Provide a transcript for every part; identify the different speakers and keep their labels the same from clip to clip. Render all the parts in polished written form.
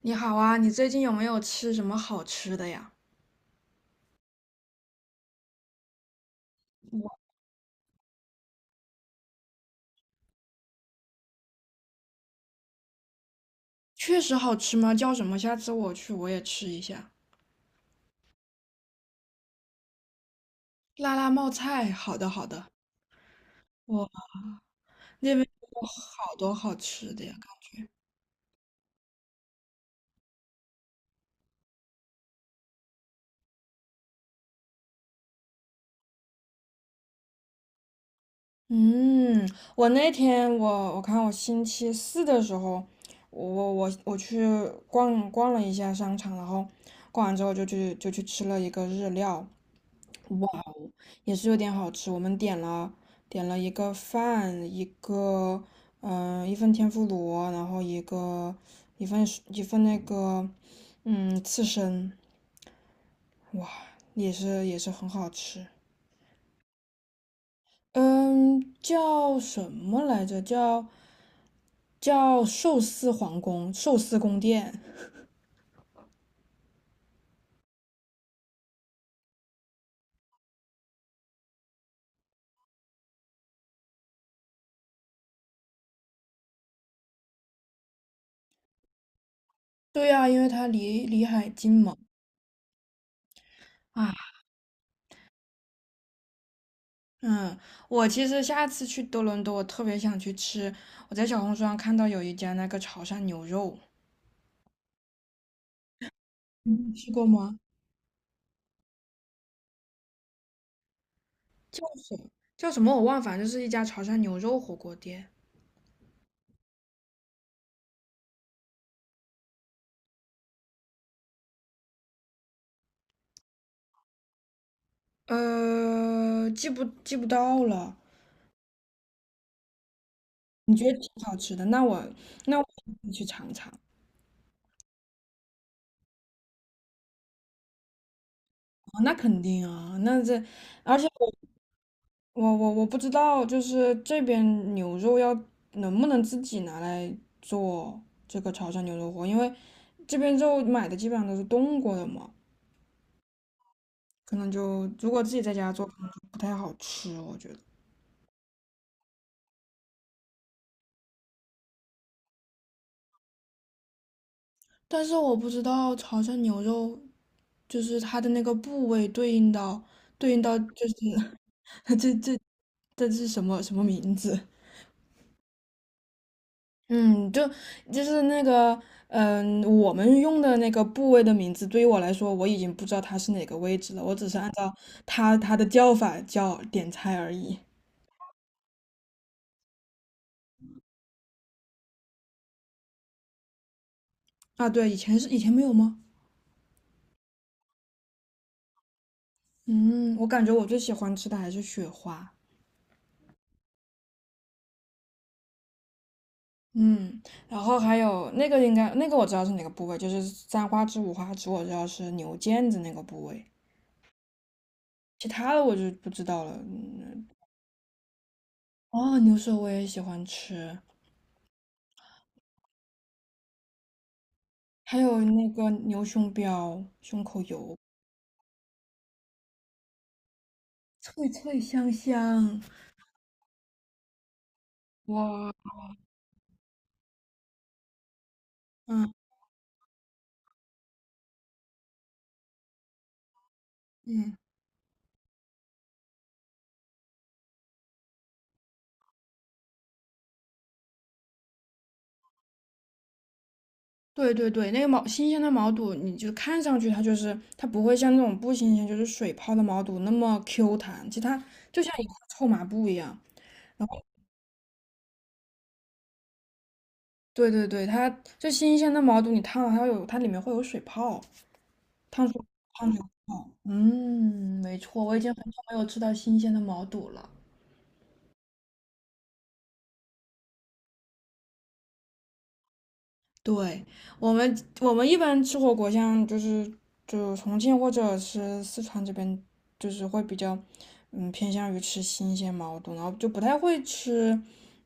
Speaker 1: 你好啊，你最近有没有吃什么好吃的呀？确实好吃吗？叫什么？下次我去我也吃一下。辣辣冒菜，好的好的。我那边有好多好吃的呀。嗯，我那天我看我星期四的时候，我去逛了一下商场，然后逛完之后就去吃了一个日料，也是有点好吃。我们点了一个饭，一个一份天妇罗，然后一个一份那个刺身，哇，也是很好吃。嗯，叫什么来着？叫寿司皇宫、寿司宫殿。对呀、因为它离海近嘛。啊，嗯，我其实下次去多伦多，我特别想去吃。我在小红书上看到有一家那个潮汕牛肉，你吃过吗？叫什么？叫什么我忘了反正就是一家潮汕牛肉火锅店。呃，记不到了？你觉得挺好吃的，那我那我一定去尝尝。啊，那肯定啊，那这，而且我不知道，就是这边牛肉要能不能自己拿来做这个潮汕牛肉火锅，因为这边肉买的基本上都是冻过的嘛，可能就如果自己在家做，可能就不太好吃，我觉得。但是我不知道潮汕牛肉就是它的那个部位对应到对应到就是 这是什么什么名字？嗯，就是那个，我们用的那个部位的名字，对于我来说，我已经不知道它是哪个位置了，我只是按照它的叫法叫点菜而已。啊，对，以前是以前没有吗？嗯，我感觉我最喜欢吃的还是雪花。嗯，然后还有那个应该那个我知道是哪个部位，就是三花趾、五花趾，我知道是牛腱子那个部位。其他的我就不知道了。嗯，哦，牛舌我也喜欢吃，还有那个牛胸膘、胸口油，脆脆香香。哇，嗯嗯，对对对，那个新鲜的毛肚，你就看上去它就是它不会像那种不新鲜，就是水泡的毛肚那么 Q 弹，其实它就像一块臭抹布一样。然后，对对对，它就新鲜的毛肚，你烫了它会有它里面会有水泡。碳水碳水化牛肉嗯，没错，我已经很久没有吃到新鲜的毛肚了。对，我们一般吃火锅，像就是就重庆或者是四川这边，就是会比较偏向于吃新鲜毛肚，然后就不太会吃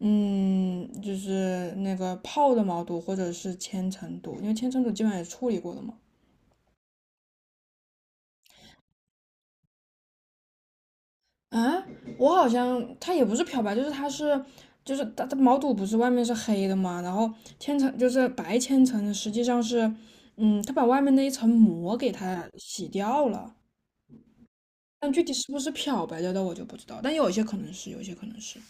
Speaker 1: 就是那个泡的毛肚或者是千层肚，因为千层肚基本上也处理过的嘛。啊，我好像它也不是漂白，就是它是，就是它毛肚不是外面是黑的嘛，然后千层就是白千层，实际上是，嗯，它把外面那一层膜给它洗掉了，但具体是不是漂白掉的我就不知道，但有一些可能是，有一些可能是。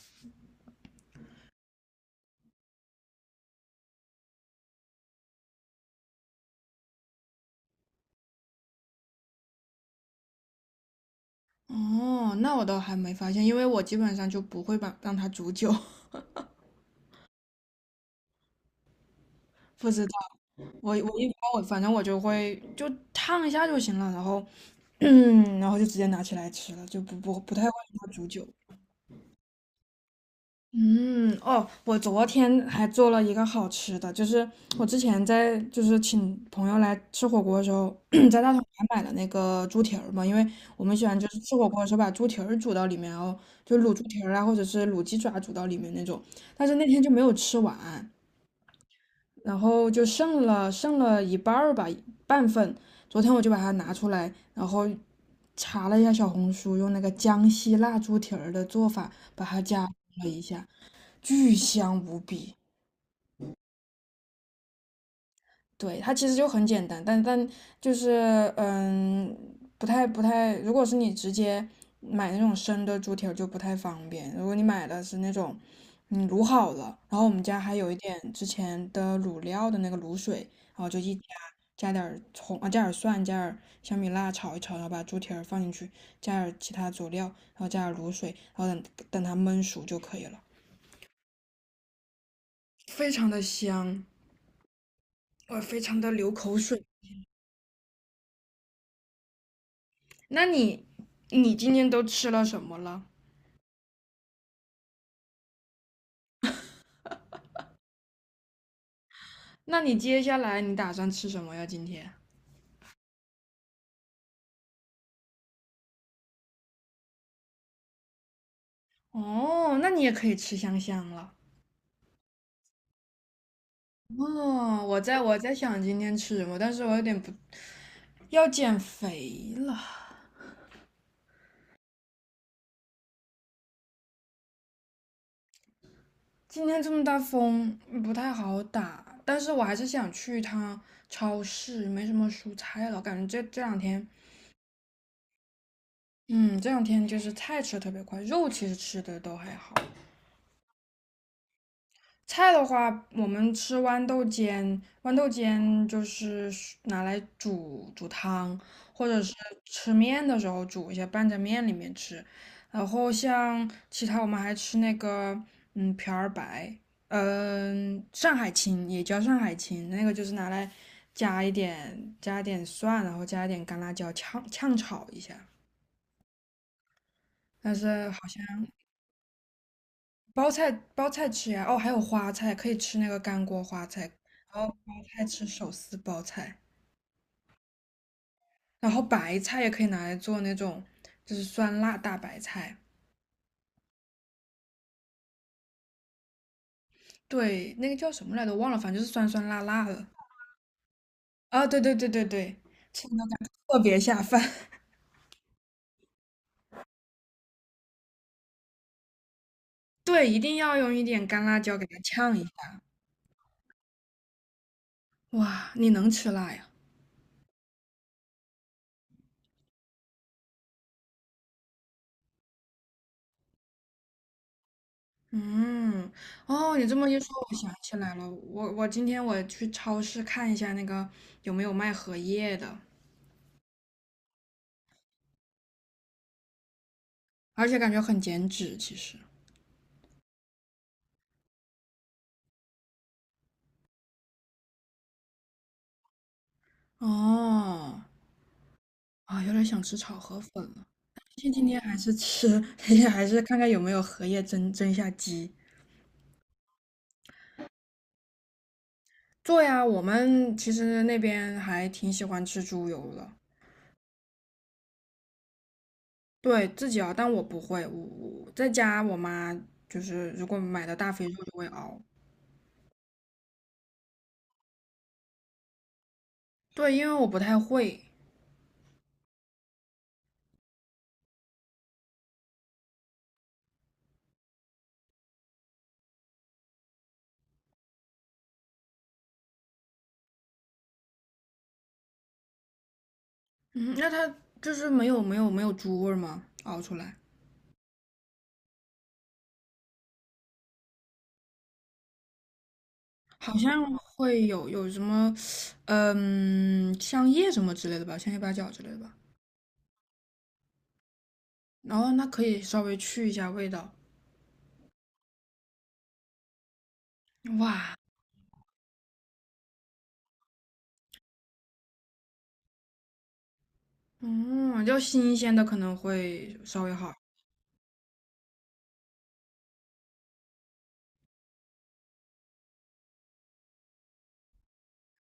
Speaker 1: 哦，那我倒还没发现，因为我基本上就不会把让它煮久，不知道。我一般反正我就会就烫一下就行了，然后，嗯，然后就直接拿起来吃了，就不太会让它煮久。嗯，哦，我昨天还做了一个好吃的，就是我之前在就是请朋友来吃火锅的时候，在大统华买了那个猪蹄儿嘛，因为我们喜欢就是吃火锅的时候把猪蹄儿煮到里面，然后就卤猪蹄儿啊，或者是卤鸡爪煮到里面那种。但是那天就没有吃完，然后就剩了一半儿吧，半份。昨天我就把它拿出来，然后查了一下小红书，用那个江西辣猪蹄儿的做法把它加工了一下。巨香无比。对，它其实就很简单，但就是嗯，不太，如果是你直接买那种生的猪蹄儿就不太方便。如果你买的是那种卤好了，然后我们家还有一点之前的卤料的那个卤水，然后就一加加点儿葱啊，加点儿蒜，加点儿小米辣炒一炒，然后把猪蹄儿放进去，加点儿其他佐料，然后加点儿卤水，然后等它焖熟就可以了，非常的香，我非常的流口水。那你你今天都吃了什么了？那你接下来你打算吃什么呀？今天？哦，那你也可以吃香香了。哦，我在想今天吃什么，但是我有点不要减肥了。今天这么大风，不太好打，但是我还是想去一趟超市，没什么蔬菜了，感觉这两天，嗯，这两天就是菜吃的特别快，肉其实吃的都还好。菜的话，我们吃豌豆尖，豌豆尖就是拿来煮汤，或者是吃面的时候煮一下，拌在面里面吃。然后像其他我们还吃那个，嗯，瓢儿白，嗯、上海青也叫上海青，那个就是拿来加一点蒜，然后加一点干辣椒炝炒一下。但是好像。包菜包菜吃呀，哦，还有花菜，可以吃那个干锅花菜，然后包菜吃手撕包菜，然后白菜也可以拿来做那种就是酸辣大白菜，对，那个叫什么来着，忘了，反正就是酸酸辣辣的。啊，对对对对对，吃的感觉特别下饭。对，一定要用一点干辣椒给它呛一下。哇，你能吃辣呀？嗯，哦，你这么一说，我想起来了，我今天我去超市看一下那个有没有卖荷叶的。而且感觉很减脂，其实。哦，啊，有点想吃炒河粉了。今天还是吃，今天还是看看有没有荷叶蒸蒸一下鸡。做呀，我们其实那边还挺喜欢吃猪油的，对自己熬，但我不会，我在家我妈就是如果买的大肥肉就会熬，对，因为我不太会。嗯，那它就是没有猪味儿吗？熬出来？好像会有什么，嗯，香叶什么之类的吧，香叶八角之类的吧。然后那可以稍微去一下味道。哇，嗯，要新鲜的可能会稍微好。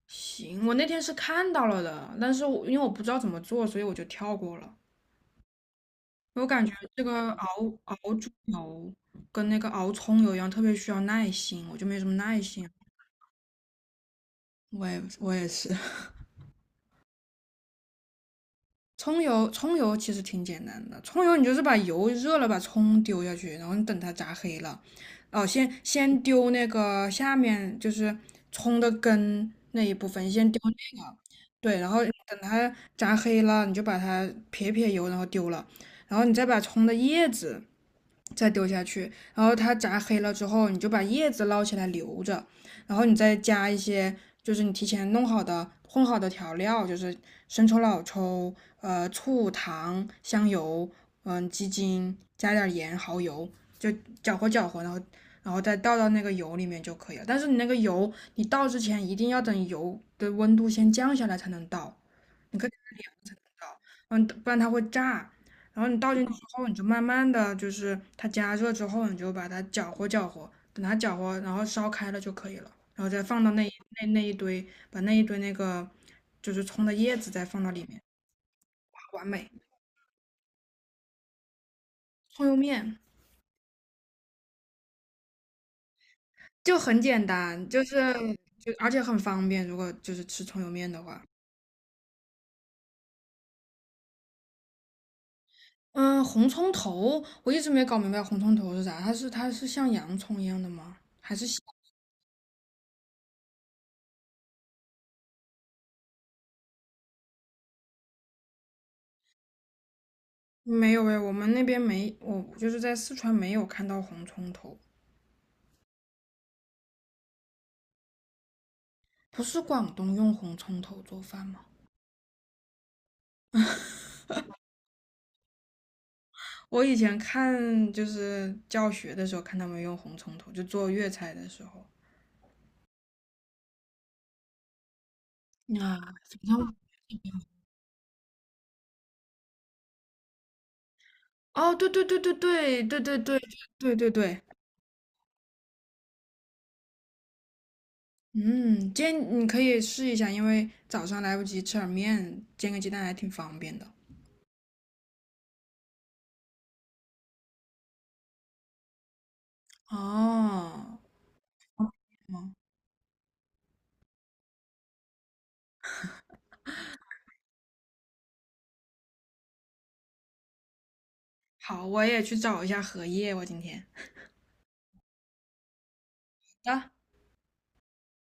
Speaker 1: 行，我那天是看到了的，但是我因为我不知道怎么做，所以我就跳过了。我感觉这个熬猪油跟那个熬葱油一样，特别需要耐心，我就没什么耐心。我也是。葱油，葱油其实挺简单的。葱油你就是把油热了，把葱丢下去，然后你等它炸黑了，哦，先丢那个下面就是葱的根那一部分，先丢那个，对，然后等它炸黑了，你就把它撇油，然后丢了，然后你再把葱的叶子再丢下去，然后它炸黑了之后，你就把叶子捞起来留着，然后你再加一些就是你提前弄好的混好的调料，就是生抽、老抽、醋、糖、香油，鸡精，加点盐、蚝油，就搅和搅和，然后然后再倒到那个油里面就可以了。但是你那个油，你倒之前一定要等油的温度先降下来才能倒，你可嗯，不然它会炸。然后你倒进去之后，你就慢慢的就是它加热之后，你就把它搅和搅和，等它搅和，然后烧开了就可以了。然后再放到那那一堆，把那一堆那个就是葱的叶子再放到里面，完美。葱油面就很简单，就是而且很方便。如果就是吃葱油面的话，嗯，红葱头我一直没搞明白红葱头是啥，它是像洋葱一样的吗？还是？没有哎，我们那边没，我就是在四川没有看到红葱头。不是广东用红葱头做饭吗？我以前看就是教学的时候看他们用红葱头，就做粤菜的时候。啊，怎么样哦，对对对对对对对对对对对，嗯，煎你可以试一下，因为早上来不及吃点面，煎个鸡蛋还挺方便的。哦，嗯，好，我也去找一下荷叶，我今天。好的。